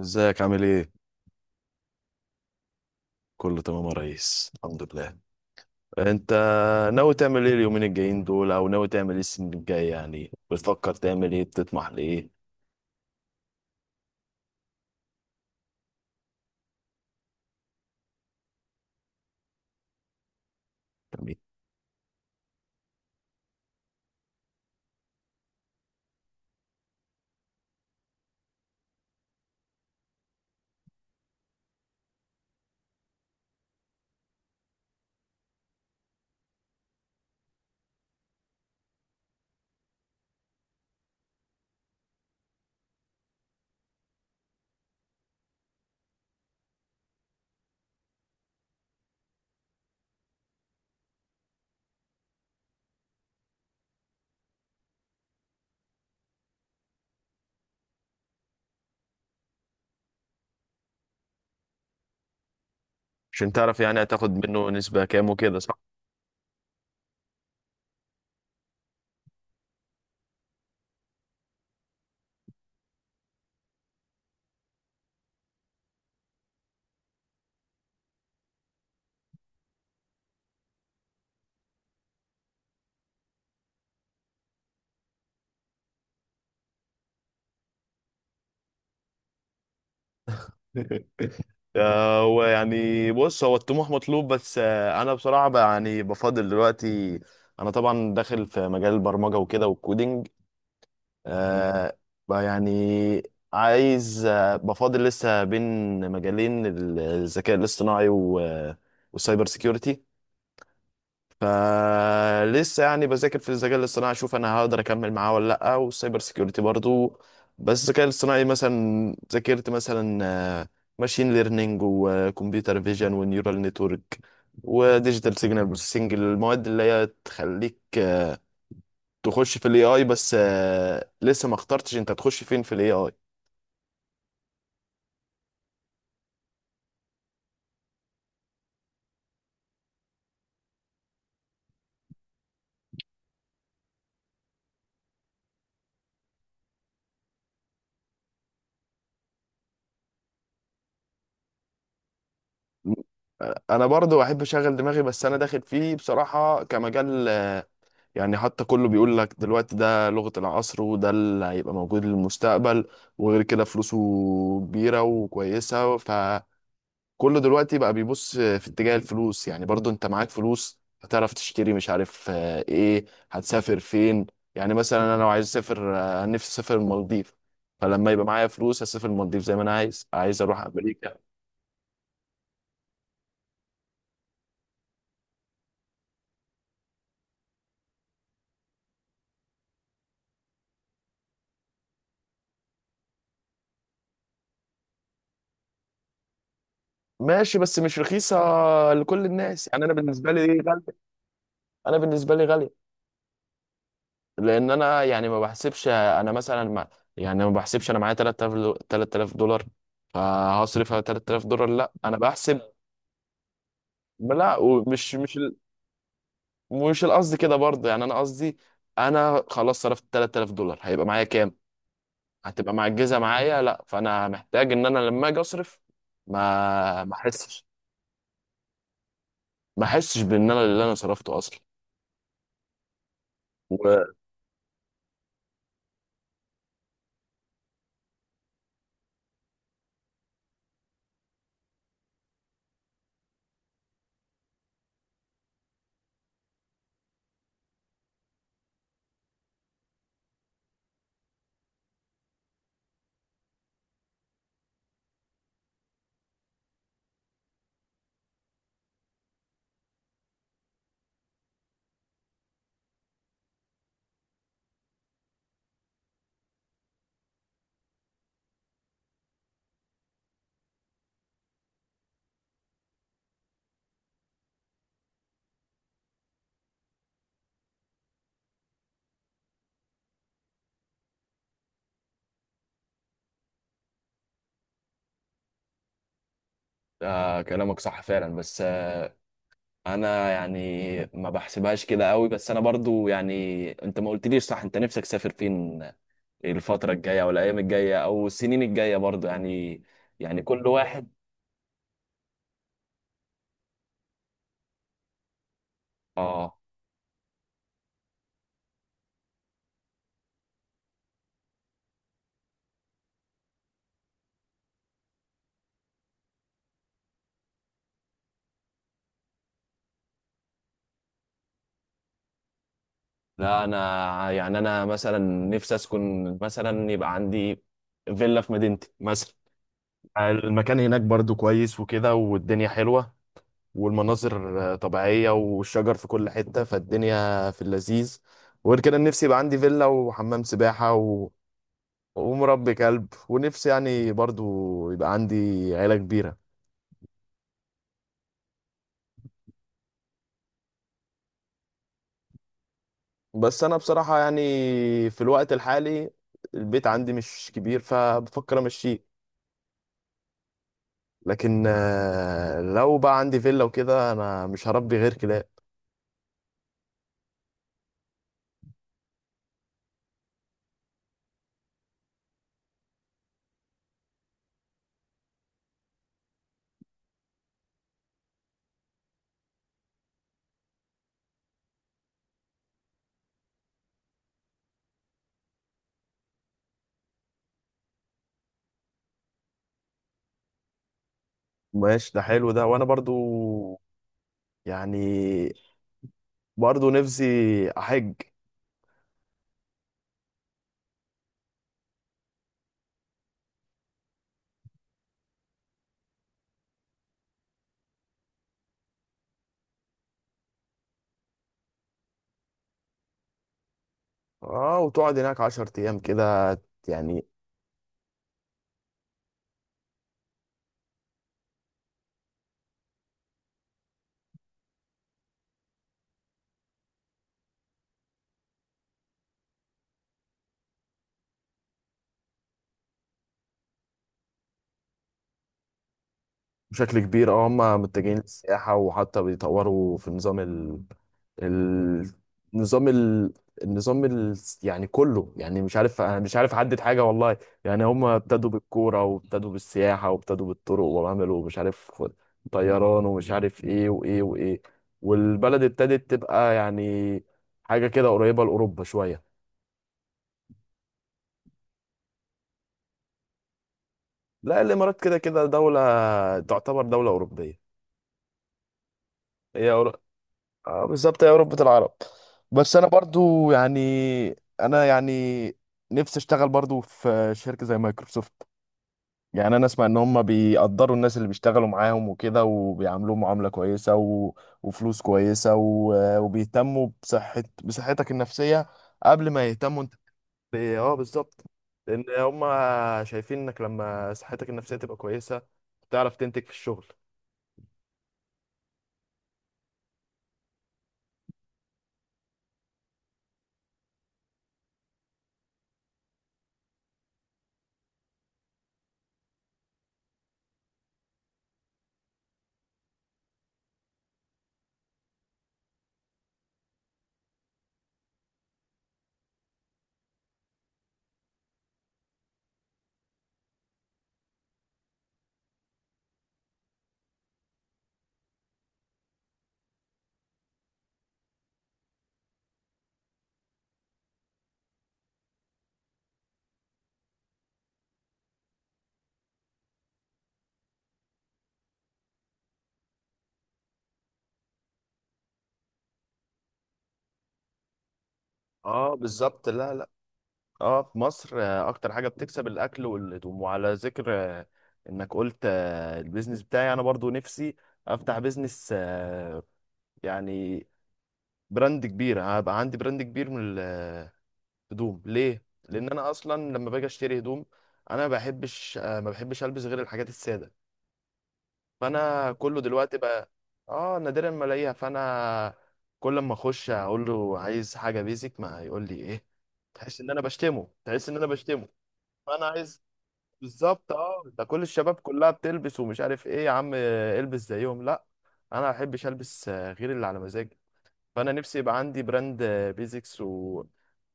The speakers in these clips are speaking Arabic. ازيك؟ عامل ايه؟ كله تمام يا ريس، الحمد لله. انت ناوي تعمل ايه اليومين الجايين دول، او ناوي تعمل ايه السنة الجاية؟ يعني بتفكر تعمل ايه، بتطمح لايه؟ تمام. عشان تعرف يعني هتاخد منه نسبة كام وكده، صح؟ هو يعني بص، هو الطموح مطلوب، بس انا بصراحة بقى يعني بفضل دلوقتي. انا طبعا داخل في مجال البرمجة وكده والكودينج. آه. بقى يعني عايز بفاضل لسه بين مجالين، الذكاء الاصطناعي والسايبر سيكيورتي. فلسه يعني بذاكر في الذكاء الاصطناعي، اشوف انا هقدر اكمل معاه ولا لا، والسايبر سيكيورتي برضو. بس الذكاء الاصطناعي مثلا ذاكرت مثلا ماشين ليرنينج وكمبيوتر فيجن ونيورال نتورك وديجيتال سيجنال بروسيسنج، المواد اللي هي تخليك تخش في الاي اي، بس لسه ما اخترتش انت تخش فين في الاي اي. انا برضو احب اشغل دماغي، بس انا داخل فيه بصراحة كمجال، يعني حتى كله بيقول لك دلوقتي ده لغة العصر، وده اللي هيبقى موجود للمستقبل. وغير كده فلوسه كبيرة وكويسة. ف كله دلوقتي بقى بيبص في اتجاه الفلوس. يعني برضو انت معاك فلوس هتعرف تشتري، مش عارف ايه، هتسافر فين. يعني مثلا انا لو عايز اسافر، نفسي اسافر المالديف. فلما يبقى معايا فلوس هسافر المالديف زي ما انا عايز. عايز اروح امريكا. ماشي، بس مش رخيصة لكل الناس. يعني انا بالنسبة لي غالية. انا بالنسبة لي غالية لان انا يعني ما بحسبش. انا مثلا ما يعني ما بحسبش انا معايا 3000 3000 دولار فهصرف على 3000 دولار، لا انا بحسب. لا، ومش مش مش القصد كده برضه، يعني انا قصدي انا خلاص صرفت 3000 دولار، هيبقى معايا كام؟ هتبقى معجزه معايا. لا، فانا محتاج ان انا لما اجي اصرف ما احسش. ما احسش بان انا اللي انا صرفته اصلا. و... آه، كلامك صح فعلا، بس آه انا يعني ما بحسبهاش كده قوي. بس انا برضو يعني، انت ما قلتليش، صح، انت نفسك تسافر فين الفتره الجايه، او الايام الجايه او السنين الجايه برضو يعني؟ يعني كل واحد. اه. لا انا يعني انا مثلا نفسي اسكن، مثلا يبقى عندي فيلا في مدينتي مثلا. المكان هناك برضو كويس وكده، والدنيا حلوة، والمناظر طبيعية، والشجر في كل حتة، فالدنيا في اللذيذ. وغير كده نفسي يبقى عندي فيلا وحمام سباحة ومربي كلب، ونفسي يعني برضو يبقى عندي عيلة كبيرة. بس أنا بصراحة يعني في الوقت الحالي البيت عندي مش كبير فبفكر أمشيه. لكن لو بقى عندي فيلا وكده انا مش هربي غير كلاب. ماشي، ده حلو ده. وانا برضو يعني برضو نفسي احج. اه، وتقعد هناك 10 ايام كده يعني. بشكل كبير، اه، هم متجهين للسياحة، وحتى بيطوروا في نظام ال... ال... نظام ال... النظام ال... يعني كله، يعني مش عارف، انا مش عارف احدد حاجة والله. يعني هم ابتدوا بالكورة، وابتدوا بالسياحة، وابتدوا بالطرق، وعملوا مش عارف طيران، ومش عارف ايه وايه وايه. والبلد ابتدت تبقى يعني حاجة كده قريبة لأوروبا شوية. لا، الإمارات كده كده دولة، تعتبر دولة أوروبية. هي آه، بالظبط، يا أوروبة العرب. بس أنا برضو يعني، أنا يعني نفسي أشتغل برضو في شركة زي مايكروسوفت. يعني أنا أسمع إن هم بيقدروا الناس اللي بيشتغلوا معاهم وكده، وبيعاملوهم معاملة كويسة وفلوس كويسة وبيهتموا بصحتك النفسية قبل ما يهتموا أنت. أه، بالظبط. لأن هم شايفين إنك لما صحتك النفسية تبقى كويسة تعرف تنتج في الشغل. اه، بالظبط. لا لا، اه، في مصر اكتر حاجه بتكسب الاكل والهدوم. وعلى ذكر انك قلت البيزنس بتاعي، انا برضو نفسي افتح بيزنس، يعني براند كبير، هبقى عندي براند كبير من الهدوم. ليه؟ لان انا اصلا لما باجي اشتري هدوم انا ما بحبش، ما بحبش البس غير الحاجات الساده. فانا كله دلوقتي بقى، اه نادرا ما الاقيها. فانا كل ما اخش اقول له عايز حاجه بيزك، ما يقول لي ايه. تحس ان انا بشتمه، تحس ان انا بشتمه. فانا عايز، بالظبط. اه، ده كل الشباب كلها بتلبس ومش عارف ايه، يا عم البس زيهم، لا، انا ما احبش البس، غير اللي على مزاجي. فانا نفسي يبقى عندي براند بيزكس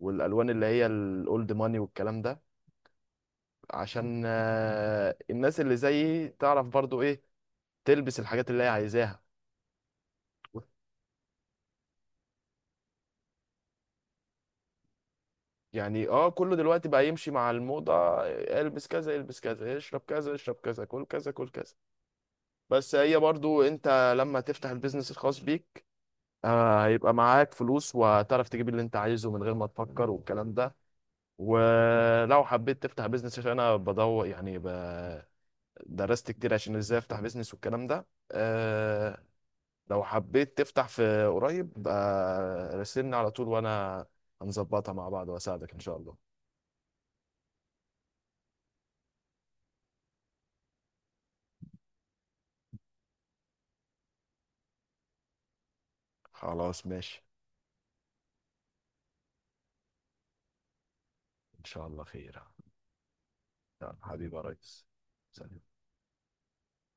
والالوان اللي هي الاولد ماني والكلام ده، عشان الناس اللي زيي تعرف برضو ايه، تلبس الحاجات اللي هي عايزاها. يعني اه كله دلوقتي بقى يمشي مع الموضة، البس كذا البس كذا، اشرب كذا اشرب كذا، كل كذا كل كذا. بس هي برضو انت لما تفتح البيزنس الخاص بيك، هيبقى معاك فلوس وهتعرف تجيب اللي انت عايزه من غير ما تفكر والكلام ده. ولو حبيت تفتح بيزنس، عشان انا بدور يعني درست كتير عشان ازاي افتح بيزنس والكلام ده، أه، لو حبيت تفتح في قريب راسلني على طول، وانا هنظبطها مع بعض واساعدك ان شاء الله. خلاص، ماشي. ان شاء الله خير. يلا حبيبي يا ريس. سلام.